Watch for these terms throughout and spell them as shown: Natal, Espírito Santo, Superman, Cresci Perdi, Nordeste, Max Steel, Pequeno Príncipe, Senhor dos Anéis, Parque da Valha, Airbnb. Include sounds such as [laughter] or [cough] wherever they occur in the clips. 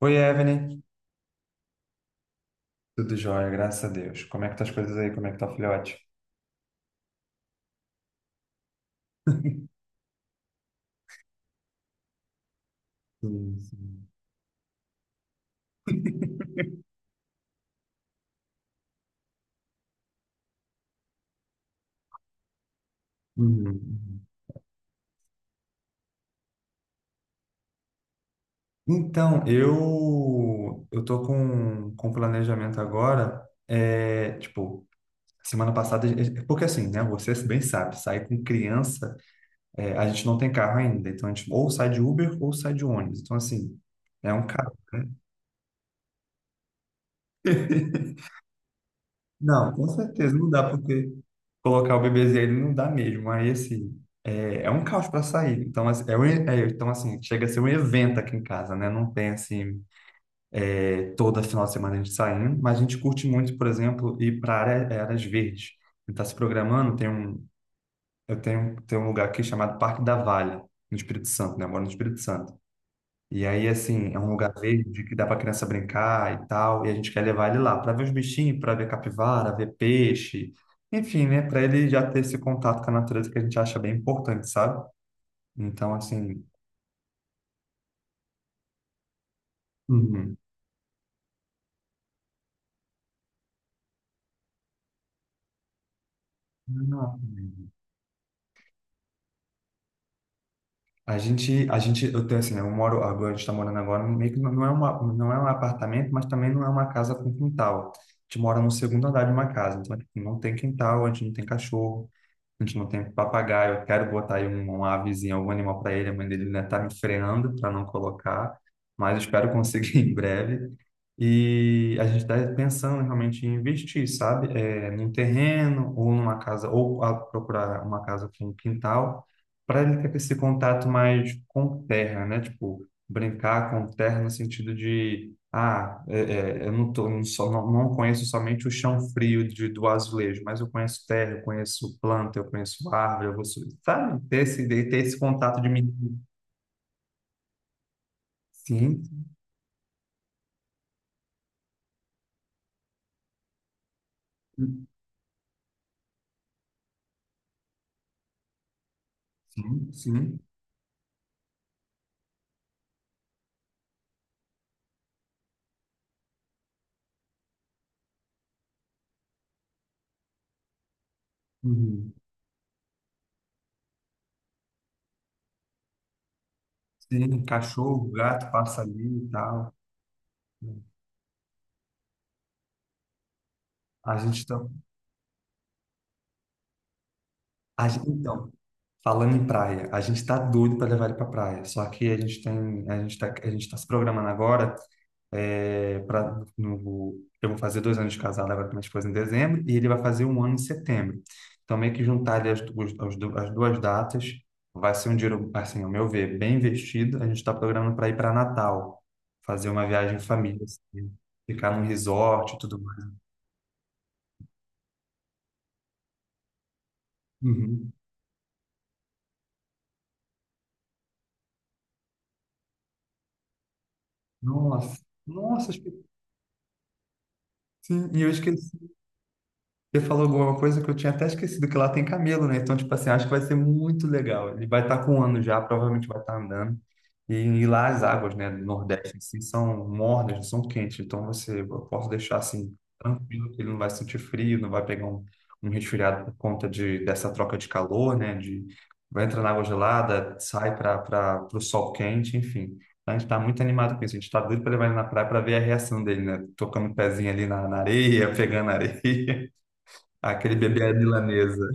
Oi, Evelyn. Tudo jóia, graças a Deus. Como é que tá as coisas aí? Como é que tá o filhote? [laughs] Sim, sim. Uhum, uhum. Então, eu tô com um planejamento agora, é, tipo, semana passada, porque assim, né, você bem sabe, sair com criança, é, a gente não tem carro ainda, então a gente ou sai de Uber ou sai de ônibus, então assim, é um carro, né? [laughs] Não, com certeza, não dá porque colocar o bebezinho ele não dá mesmo. Aí, assim, é um caos para sair. Então, assim, então, assim, chega a ser um evento aqui em casa, né? Não tem, assim, é, toda final de semana a gente saindo, mas a gente curte muito, por exemplo, ir para área, é, áreas verdes. A gente tá se programando, tem um lugar aqui chamado Parque da Valha, no Espírito Santo, né? Eu moro no Espírito Santo. E aí, assim, é um lugar verde que dá para criança brincar e tal, e a gente quer levar ele lá para ver os bichinhos, para ver capivara, ver peixe, enfim, né, para ele já ter esse contato com a natureza que a gente acha bem importante, sabe? Então, assim, uhum. Não. Eu tenho assim, né, eu moro agora, a gente está morando agora, meio que não é uma, não é um apartamento, mas também não é uma casa com quintal. A gente mora no segundo andar de uma casa, então tipo, não tem quintal, a gente não tem cachorro. A gente não tem papagaio. Eu quero botar aí um, uma avezinha, algum animal para ele. A mãe dele ainda tá me freando para não colocar, mas eu espero conseguir [laughs] em breve. E a gente está pensando realmente em investir, sabe? É, num terreno ou numa casa, ou procurar uma casa com um quintal, para ele ter esse contato mais com terra, né? Tipo, brincar com terra no sentido de. Ah, é, eu não, tô, não, só, não, não conheço somente o chão frio do azulejo, mas eu conheço terra, eu conheço planta, eu conheço árvore, sabe? Ter esse contato de mim. Sim, sim, sim. Uhum. Sim, cachorro, gato, passarinho e tal. A gente tá, a gente, então, Falando em praia, a gente tá doido para levar ele para praia. Só que a gente tá se programando agora é, pra, no, eu vou fazer 2 anos de casado agora com minha esposa em dezembro e ele vai fazer um ano em setembro. Então meio que juntar ali as duas datas vai ser um dinheiro, assim, ao meu ver, bem investido. A gente está programando para ir para Natal, fazer uma viagem em família, assim, ficar num resort e tudo mais. Uhum. Nossa, nossa, sim, e eu esqueci. Você falou alguma coisa que eu tinha até esquecido, que lá tem camelo, né? Então, tipo assim, acho que vai ser muito legal. Ele vai estar com um ano já, provavelmente vai estar andando. E lá as águas, né, do Nordeste, assim, são mornas, são quentes. Então, você, eu posso deixar, assim, tranquilo, que ele não vai sentir frio, não vai pegar um resfriado por conta dessa troca de calor, né? De, vai entrar na água gelada, sai para o sol quente, enfim. A gente está muito animado com isso. A gente está doido para levar ele na praia para ver a reação dele, né? Tocando o pezinho ali na areia, [laughs] pegando areia. Aquele bebê à milanesa.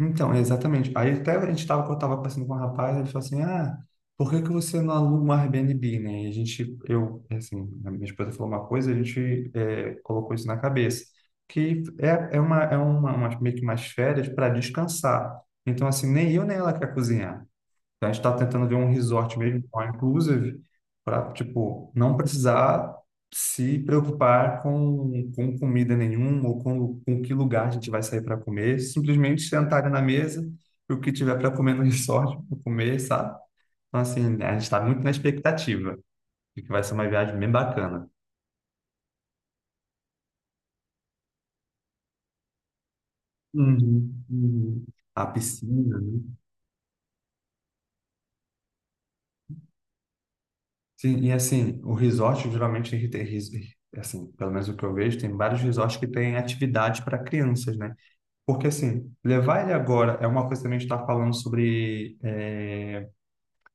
Então, exatamente. Aí até eu tava conversando com um rapaz, ele falou assim, ah, por que que você não aluga um Airbnb, né? E a gente, eu, assim, a minha esposa falou uma coisa, a gente é, colocou isso na cabeça, que meio que umas férias para descansar. Então, assim, nem eu nem ela quer cozinhar. Então, a gente está tentando ver um resort mesmo, all inclusive, para, tipo, não precisar se preocupar com comida nenhuma ou com que lugar a gente vai sair para comer. Simplesmente sentar na mesa e o que tiver para comer no [laughs] resort, pra comer, sabe? Então, assim, né, a gente está muito na expectativa de que vai ser uma viagem bem bacana. Uhum, uhum. A piscina, né? Sim, e assim, o resort geralmente ele tem, assim, pelo menos o que eu vejo, tem vários resorts que têm atividade para crianças, né? Porque, assim, levar ele agora é uma coisa também que a gente está falando sobre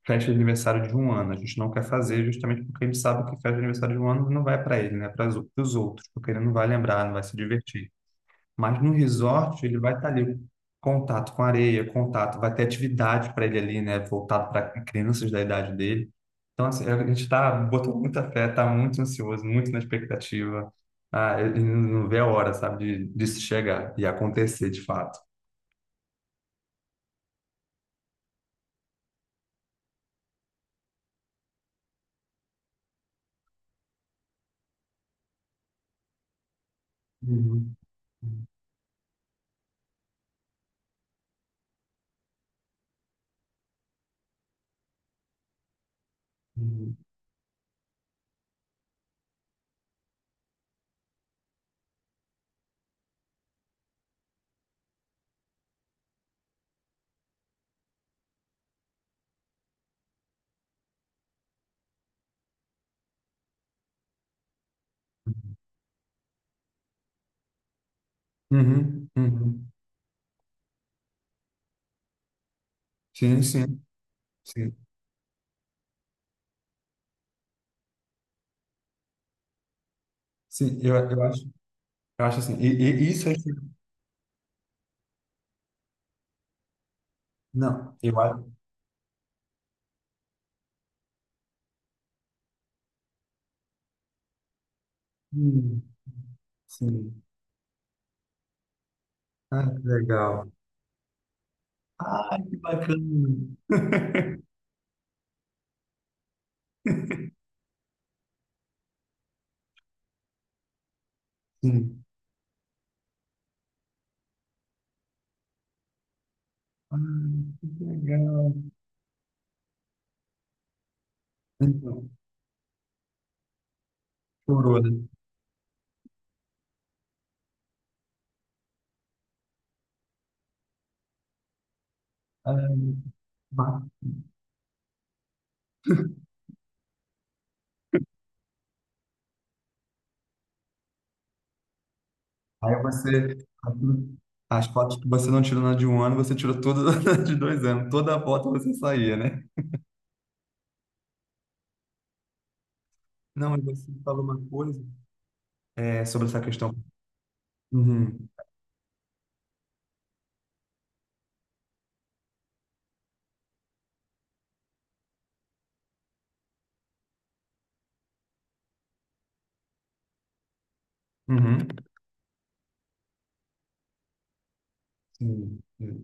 festa de aniversário de um ano. A gente não quer fazer justamente porque a gente sabe que festa de aniversário de um ano não vai para ele, né? Para os outros, porque ele não vai lembrar, não vai se divertir. Mas no resort, ele vai estar ali, contato com areia, contato, vai ter atividade para ele ali, né? Voltado para crianças da idade dele. Então, assim, a gente está botando muita fé, está muito ansioso, muito na expectativa. Ah, ele não vê a hora, sabe, de se chegar e acontecer de fato. Uhum. Uhum. Uhum. Uhum. Sim, sim, sim. Sim, eu acho assim. E isso é que. Não, eu acho. Hum, sim. Ah, que legal. Ah, que bacana. [laughs] Sim. Ah, que legal. Então, chorou, né? Ah. Vai. Aí você, as fotos que você não tirou na de um ano, você tirou todas [laughs] na de 2 anos. Toda foto você saía, né? Não, e você falou uma coisa é, sobre essa questão. Uhum, uhum, sim, sim.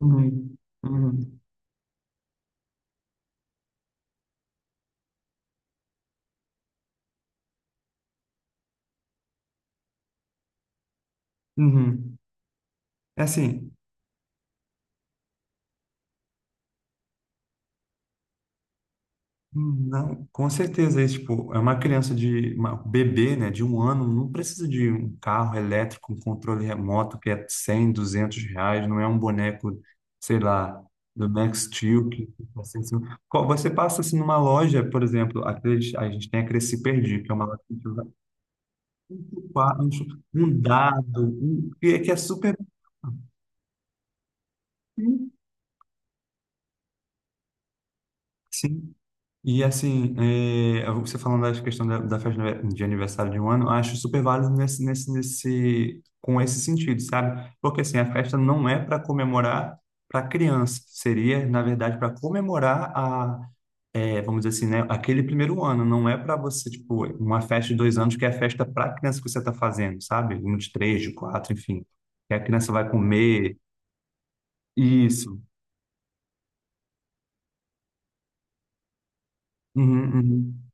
Uhum, uhum, uhum. É assim, não, com certeza, esse, tipo, é uma criança de uma bebê, né, de um ano, não precisa de um carro elétrico, um controle remoto que é 100, R$ 200, não é um boneco, sei lá, do Max Steel que passa em cima. Você passa assim numa loja, por exemplo, aqueles, a gente tem a Cresci Perdi, que é uma loja que joga um, um um dado, que é super sim, e assim, é, você falando da questão da festa de aniversário de um ano, eu acho super válido nesse, com esse sentido, sabe? Porque assim, a festa não é para comemorar para criança, seria, na verdade, para comemorar a, é, vamos dizer assim, né, aquele primeiro ano, não é para você, tipo, uma festa de 2 anos que é a festa para criança que você está fazendo, sabe? Um de três, de quatro, enfim. Que a criança vai comer. Isso. Uhum, uhum,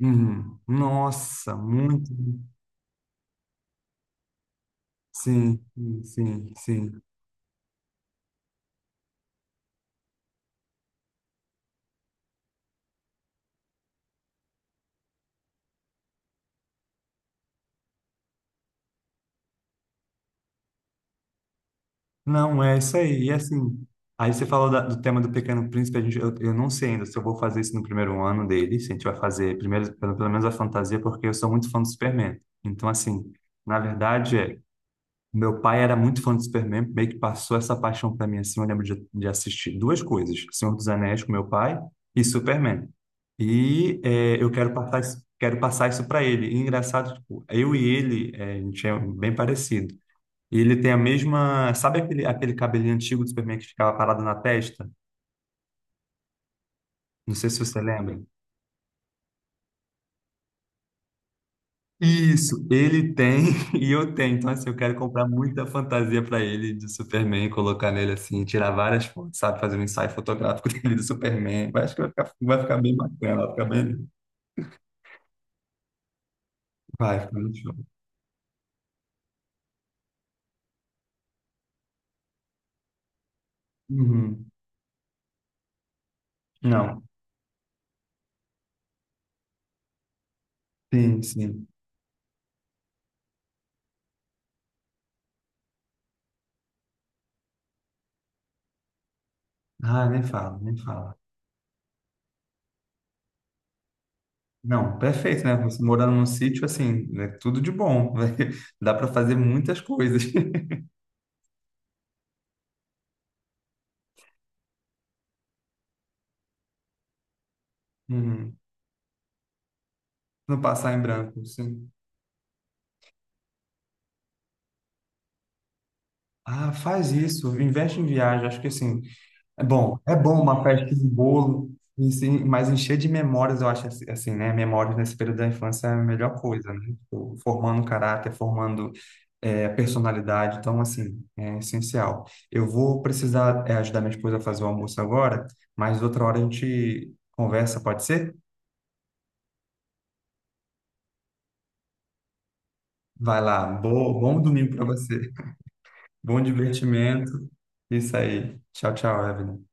uhum. Nossa, muito. Sim, sim, sim. Sim. Não, é isso aí. E assim, aí você falou do tema do Pequeno Príncipe, a gente, eu não sei ainda se eu vou fazer isso no primeiro ano dele, se a gente vai fazer primeiro, pelo menos a fantasia, porque eu sou muito fã do Superman. Então, assim, na verdade, é, meu pai era muito fã do Superman, meio que passou essa paixão para mim, assim, eu lembro de assistir duas coisas, Senhor dos Anéis com meu pai e Superman. E é, eu quero passar isso para ele. E engraçado, tipo, eu e ele, é, a gente é bem parecido. E ele tem a mesma. Sabe aquele cabelinho antigo do Superman que ficava parado na testa? Não sei se você lembra. Isso, ele tem [laughs] e eu tenho. Então, assim, eu quero comprar muita fantasia para ele de Superman, colocar nele assim, tirar várias fotos, sabe? Fazer um ensaio fotográfico [laughs] dele do Superman. Eu acho que vai ficar bem bacana, vai ficar bem. Vai ficar muito show. Uhum. Não, sim, sim. Ah, nem fala, nem fala. Não, perfeito, né? Você morando num sítio, assim, é tudo de bom. [laughs] Dá para fazer muitas coisas. [laughs] Uhum. Não passar em branco, sim. Ah, faz isso, investe em viagem. Acho que assim, é bom. É bom uma festa de bolo, e sim, mas encher de memórias, eu acho assim, assim, né? Memórias nesse período da infância é a melhor coisa, né? Tipo, formando caráter, formando é, personalidade. Então, assim, é essencial. Eu vou precisar é, ajudar minha esposa a fazer o almoço agora, mas outra hora a gente conversa, pode ser? Vai lá, bom domingo para você. [laughs] Bom divertimento. Isso aí. Tchau, tchau, Evelyn.